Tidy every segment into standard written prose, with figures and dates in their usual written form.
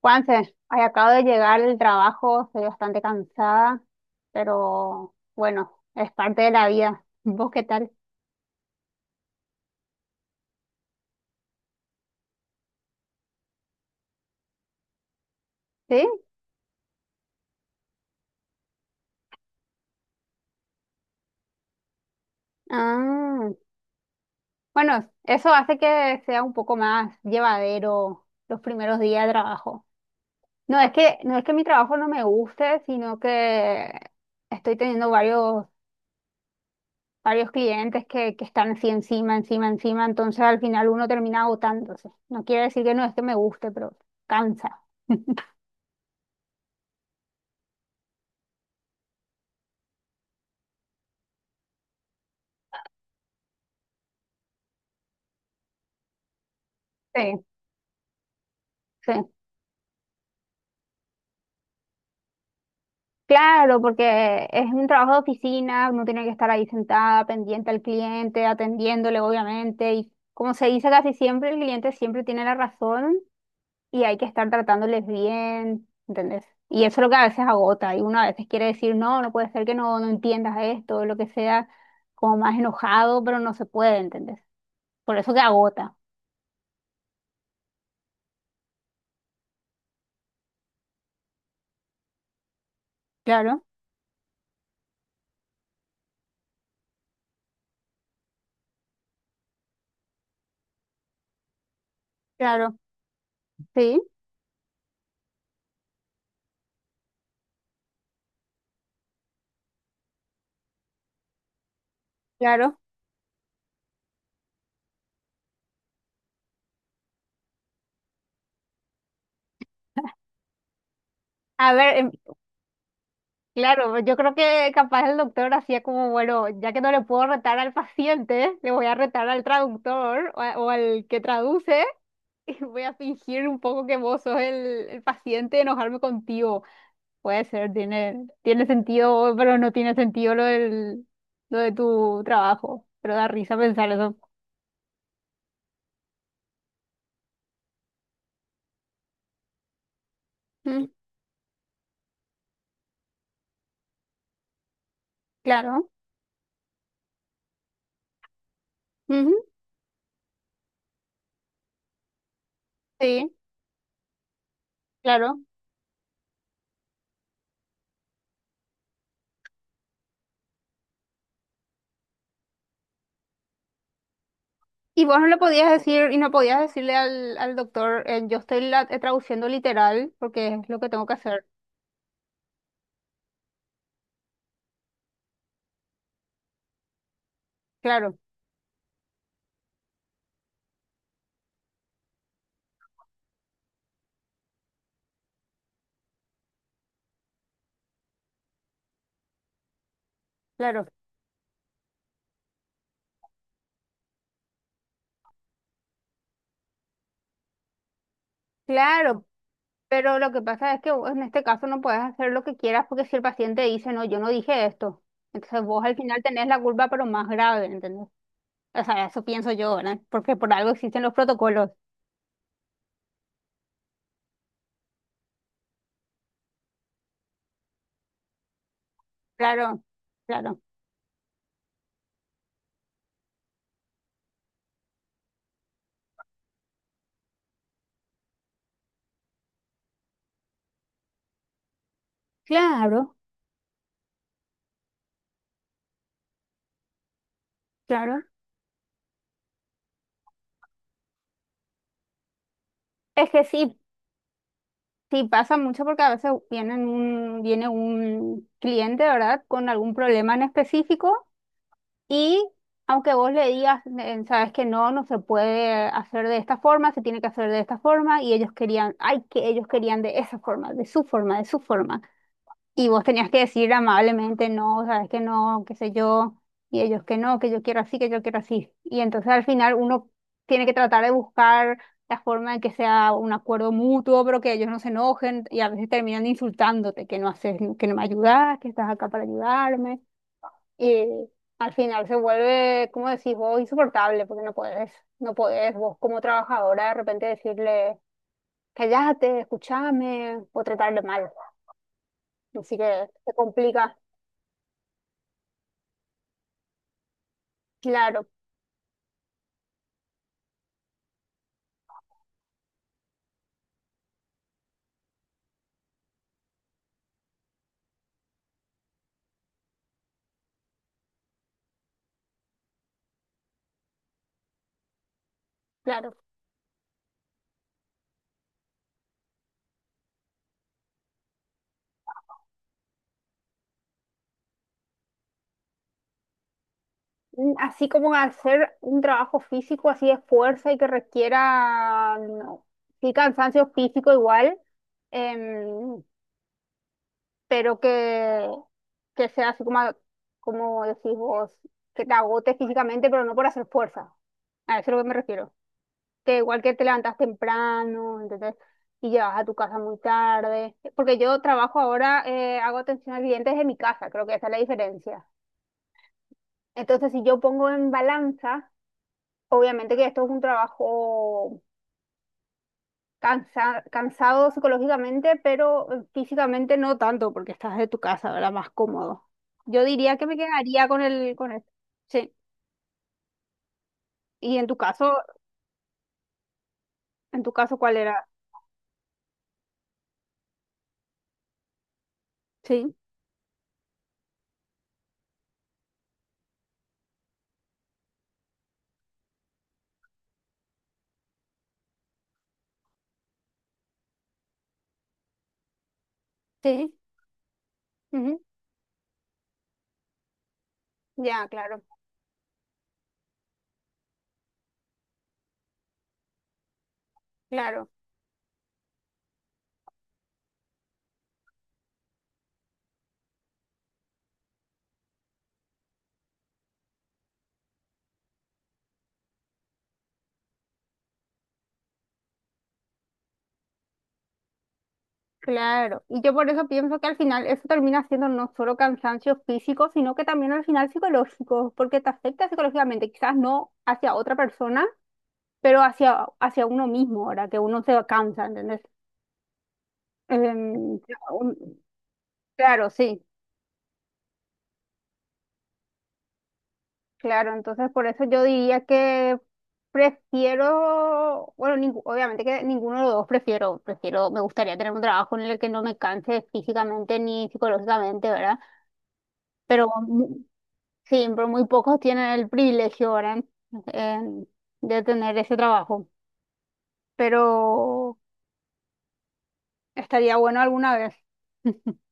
Juanse, ay, acabo de llegar del trabajo, estoy bastante cansada, pero bueno, es parte de la vida. ¿Vos qué tal? ¿Sí? Ah, bueno, eso hace que sea un poco más llevadero los primeros días de trabajo. No es que mi trabajo no me guste, sino que estoy teniendo varios clientes que están así encima, entonces al final uno termina agotándose. No quiere decir que no es que me guste, pero cansa. Sí, sí. Claro, porque es un trabajo de oficina, uno tiene que estar ahí sentada, pendiente al cliente, atendiéndole, obviamente, y como se dice casi siempre, el cliente siempre tiene la razón y hay que estar tratándoles bien, ¿entendés? Y eso es lo que a veces agota, y uno a veces quiere decir, no, no puede ser que no entiendas esto, lo que sea, como más enojado, pero no se puede, ¿entendés? Por eso que agota. Claro, claro, sí, claro. A ver, claro, yo creo que capaz el doctor hacía como, bueno, ya que no le puedo retar al paciente, le voy a retar al traductor o, a- o al que traduce y voy a fingir un poco que vos sos el paciente y enojarme contigo. Puede ser, tiene, tiene sentido, pero no tiene sentido lo de tu trabajo. Pero da risa pensar eso. Mm, claro, ujú, sí, claro. Y vos no le podías decir, y no podías decirle al doctor, yo estoy la- traduciendo literal porque es lo que tengo que hacer. Claro, claro, claro, pero lo que pasa es que vos en este caso no puedes hacer lo que quieras porque si el paciente dice, no, yo no dije esto, entonces vos al final tenés la culpa, pero más grave, ¿entendés? O sea, eso pienso yo, ¿verdad? Porque por algo existen los protocolos. Claro, claro, claro, claro. Es que sí, sí pasa mucho porque a veces viene un cliente, ¿verdad? Con algún problema en específico. Y aunque vos le digas, sabes que no, no se puede hacer de esta forma, se tiene que hacer de esta forma, y ellos querían, ay, que ellos querían de esa forma, de su forma, de su forma. Y vos tenías que decir amablemente, no, sabes que no, qué sé yo, y ellos que no, que yo quiero así, que yo quiero así. Y entonces al final uno tiene que tratar de buscar la forma en que sea un acuerdo mutuo, pero que ellos no se enojen y a veces terminan insultándote, que no haces, que no me ayudas, que estás acá para ayudarme. Y al final se vuelve, como decís vos, insoportable, porque no podés vos como trabajadora de repente decirle, callate, escúchame, o tratarle mal. Así que se complica, claro, claro. Mm, así como hacer un trabajo físico así de fuerza y que requiera, no, sí, cansancio físico igual, em, pero que sea así como, como decís vos, que te agote físicamente, pero no por hacer fuerza. A eso es a lo que me refiero. Que igual que te levantas temprano, entonces, y llegas a tu casa muy tarde, porque yo trabajo ahora, hago atención al cliente desde mi casa, creo que esa es la diferencia. Entonces, si yo pongo en balanza, obviamente que esto es un trabajo cansa- cansado psicológicamente, pero físicamente no tanto, porque estás de tu casa, ¿verdad? Más cómodo. Yo diría que me quedaría con con el, sí. Y en tu caso, ¿cuál era? Sí, sí. Ujú, ya, claro, claro. Claro, y yo por eso pienso que al final eso termina siendo no solo cansancio físico, sino que también al final psicológico, porque te afecta psicológicamente, quizás no hacia otra persona, pero hacia uno mismo, ahora que uno se cansa, ¿entendés? Em, un- claro, sí, claro, entonces por eso yo diría que prefiero, bueno, ningú- obviamente que ninguno de los dos prefiero, prefiero, me gustaría tener un trabajo en el que no me canse físicamente ni psicológicamente, ¿verdad? Pero sí, pero muy pocos tienen el privilegio ahora en- de tener ese trabajo. Pero estaría bueno alguna vez,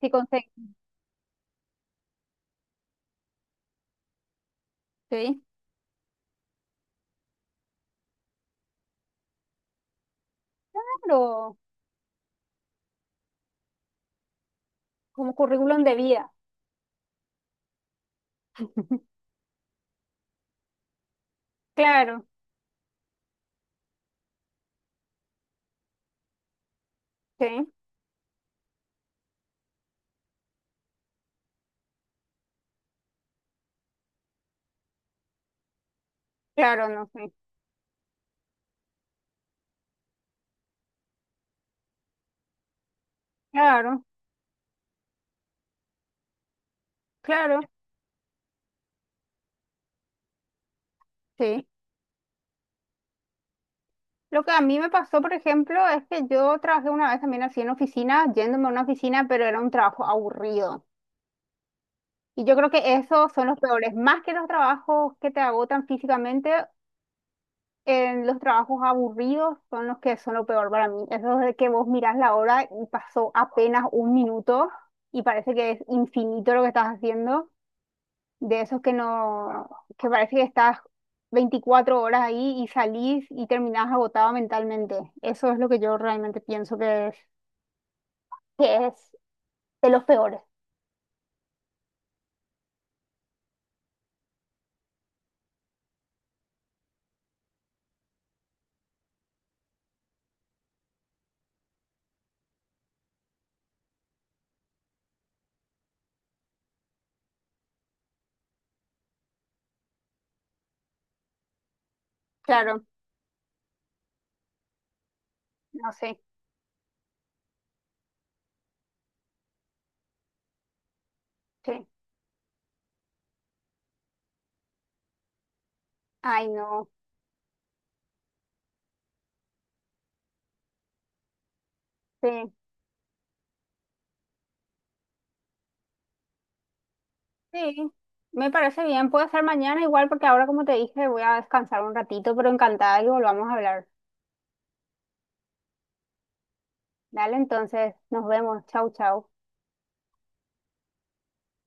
si conseguís, ¿sí? Claro, como currículum de vida. Claro, sí, claro, no sé. Claro, claro, sí. Lo que a mí me pasó, por ejemplo, es que yo trabajé una vez también así en oficina, yéndome a una oficina, pero era un trabajo aburrido. Y yo creo que esos son los peores, más que los trabajos que te agotan físicamente. Los trabajos aburridos son los que son lo peor para mí. Eso de que vos mirás la hora y pasó apenas un minuto y parece que es infinito lo que estás haciendo. De esos que no, que parece que estás 24 horas ahí y salís y terminás agotado mentalmente. Eso es lo que yo realmente pienso que es de los peores. Claro, no sé. Sí. Ay, no. Sí. Sí, me parece bien. Puede ser mañana igual porque ahora, como te dije, voy a descansar un ratito, pero encantada que volvamos a hablar. Dale, entonces, nos vemos. Chau, chau.